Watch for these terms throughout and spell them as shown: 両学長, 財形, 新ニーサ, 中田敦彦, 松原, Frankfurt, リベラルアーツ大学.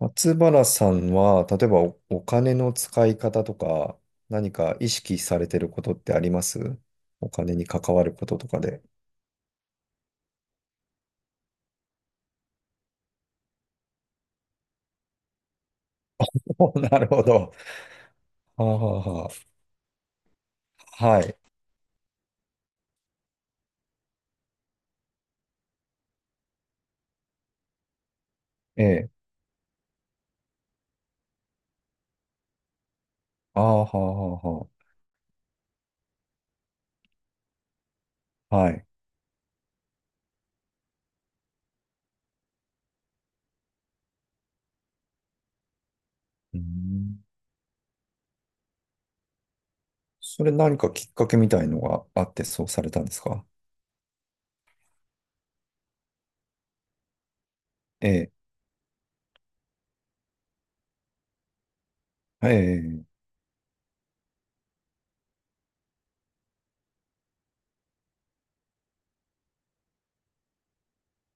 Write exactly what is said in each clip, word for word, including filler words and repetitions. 松原さんは、例えばお、お金の使い方とか、何か意識されてることってあります？お金に関わることとかで。お、なるほど。はあ、はあはあ、はい。ええ。ああ、はあ、はあ、はあ。はい。うーん。それ何かきっかけみたいのがあってそうされたんですか？ええ。ええ。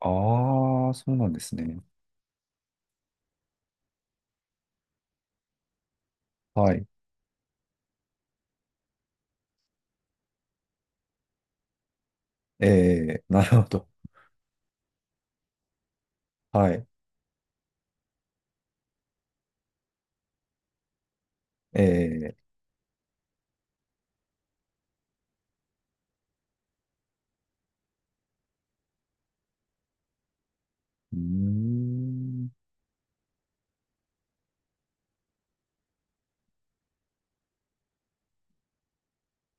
ああ、そうなんですね。はい。ええ、なるほど。はい。ええ。うーん。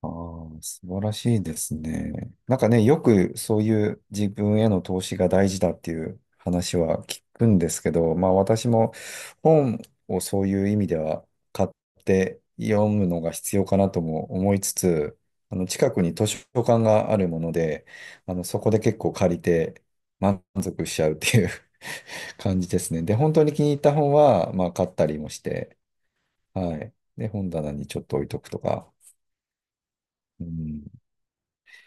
ああ、素晴らしいですね。なんかね、よくそういう自分への投資が大事だっていう話は聞くんですけど、まあ私も本をそういう意味では買って読むのが必要かなとも思いつつ、あの近くに図書館があるもので、あのそこで結構借りて満足しちゃうっていう 感じですね。で、本当に気に入った本は、まあ買ったりもして、はい。で、本棚にちょっと置いとくとか。うん。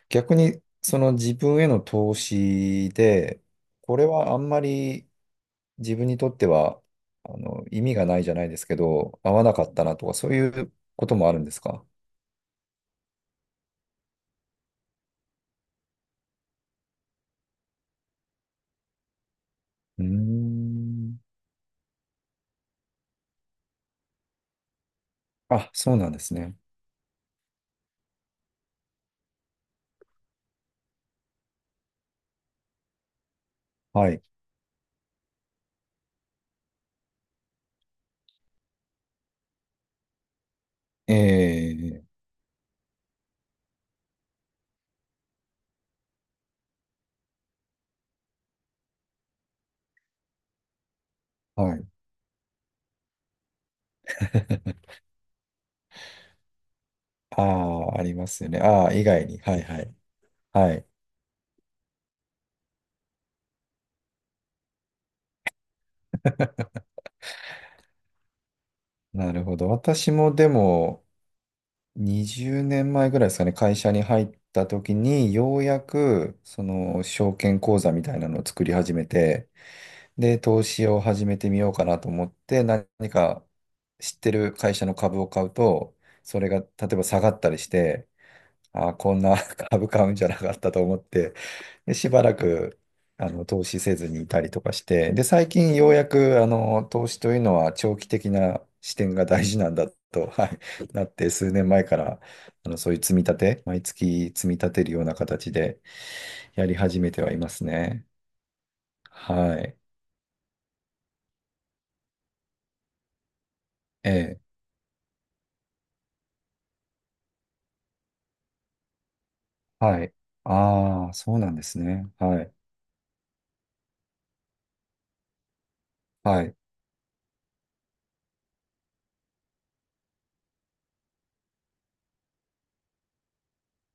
逆に、その自分への投資で、これはあんまり自分にとっては、あの、意味がないじゃないですけど、合わなかったなとか、そういうこともあるんですか？うーん。あ、そうなんですね。はい。ええ、はい。ああ、ありますよね。ああ、以外に。はいはい。はい。なるほど。私もでも、にじゅうねんまえぐらいですかね、会社に入った時に、ようやく、その、証券口座みたいなのを作り始めて、で、投資を始めてみようかなと思って、何か知ってる会社の株を買うと、それが、例えば下がったりして、ああ、こんな 株買うんじゃなかったと思って、で、しばらく、あの、投資せずにいたりとかして、で、最近ようやく、あの、投資というのは長期的な視点が大事なんだと、はい、なって、数年前から、あの、そういう積み立て、毎月積み立てるような形でやり始めてはいますね。はい。ええ。はい。ああ、そうなんですね。はい。はい。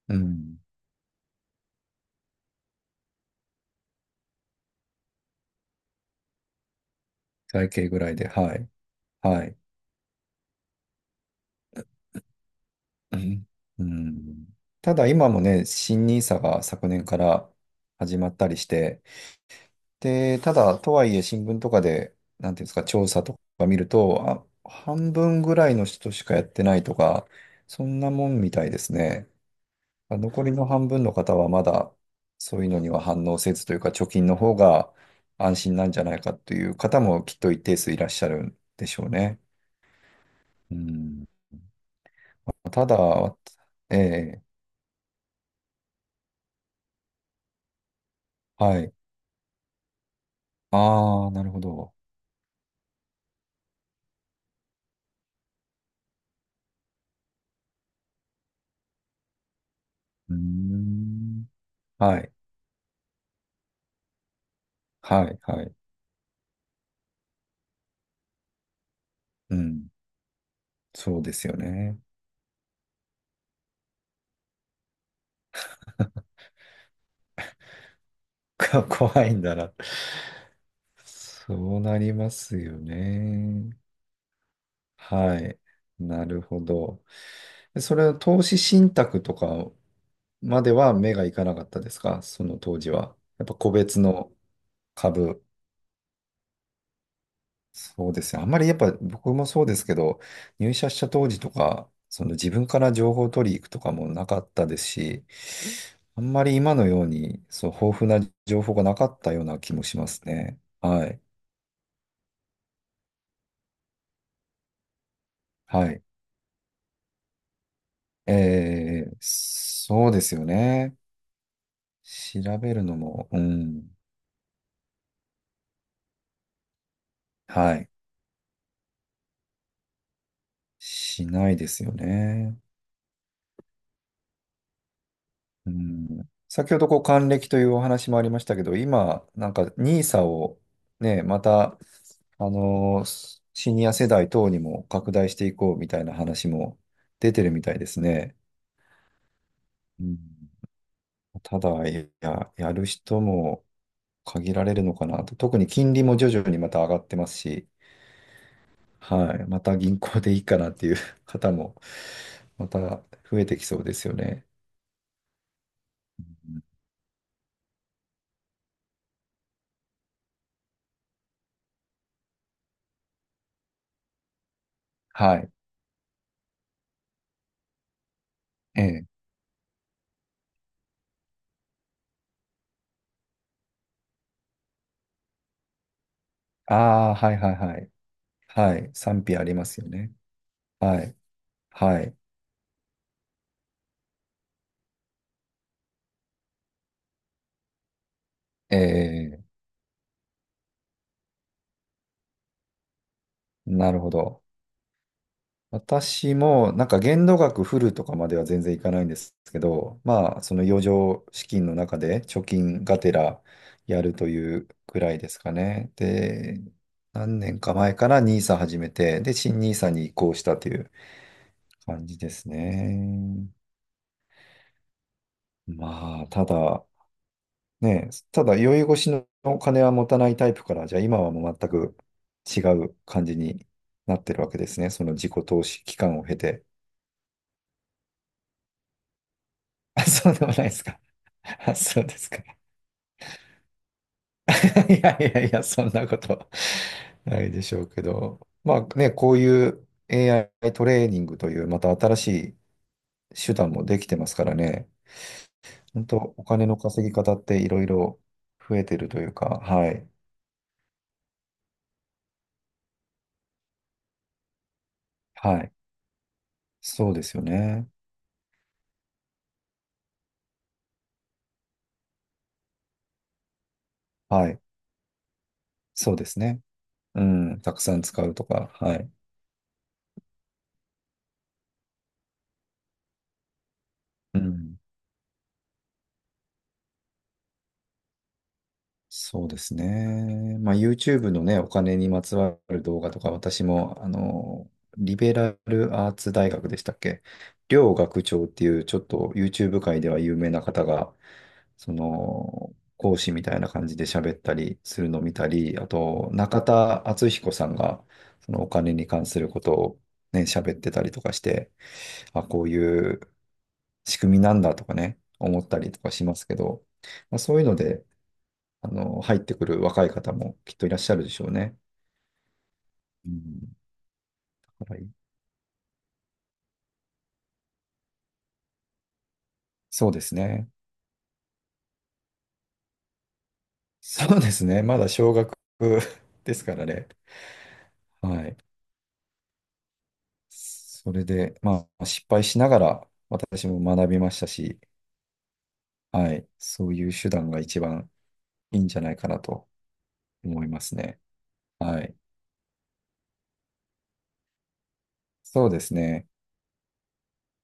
うん。財形ぐらいで、はい。はい。うん。うん。ただ今もね、新ニーサが昨年から始まったりして、で、ただ、とはいえ新聞とかで、なんていうんですか、調査とか見ると、あ、半分ぐらいの人しかやってないとか、そんなもんみたいですね。あ、残りの半分の方はまだ、そういうのには反応せずというか、貯金の方が安心なんじゃないかという方もきっと一定数いらっしゃるんでしょうね。うん、ただ、わ、ええ、はい。ああ、なるほど。うーん、はい、はい、はい。うん、そうですよね。か怖いんだな。そうなりますよね。はい。なるほど。それは投資信託とかまでは目がいかなかったですか？その当時は。やっぱ個別の株。そうですね。あんまりやっぱ僕もそうですけど、入社した当時とか、その自分から情報を取りに行くとかもなかったですし、あんまり今のように、そう、豊富な情報がなかったような気もしますね。はい。はい。えー、そうですよね。調べるのも、うん、はい、しないですよね。うん、先ほどこう還暦というお話もありましたけど、今、なんかニーサをね、また、あのーシニア世代等にも拡大していこうみたいな話も出てるみたいですね。うん、ただ、いや、やる人も限られるのかなと。特に金利も徐々にまた上がってますし、はい。また銀行でいいかなっていう 方も、また増えてきそうですよね。うん。はい。ええ。ああ、はいはいはい。はい。賛否ありますよね。はい。はい。ええ、なるほど。私も、なんか限度額フルとかまでは全然いかないんですけど、まあ、その余剰資金の中で貯金がてらやるというくらいですかね。で、何年か前からニーサ始めて、で、新ニーサに移行したという感じですね。まあ、ただ、ね、ただ、宵越しのお金は持たないタイプから、じゃあ今はもう全く違う感じになってるわけですね。その自己投資期間を経て。あ、そうでもないですか。あ、そうですか。いやいやいや、そんなこと ないでしょうけど。まあね、こういう エーアイ トレーニングというまた新しい手段もできてますからね。本当お金の稼ぎ方っていろいろ増えてるというか、はい。はい。そうですよね。はい。そうですね。うん。たくさん使うとか。はい。うん。そうですね。まあ、YouTube のね、お金にまつわる動画とか、私も、あの、リベラルアーツ大学でしたっけ？両学長っていう、ちょっと YouTube 界では有名な方が、その、講師みたいな感じで喋ったりするのを見たり、あと、中田敦彦さんが、そのお金に関することをね、喋ってたりとかして、あ、こういう仕組みなんだとかね、思ったりとかしますけど、まあ、そういうので、あの、入ってくる若い方もきっといらっしゃるでしょうね。うん。はい。そうですね。そうですね。まだ小学 ですからね。はい。それで、まあ、失敗しながら私も学びましたし、はい。そういう手段が一番いいんじゃないかなと思いますね。はい。そうですね。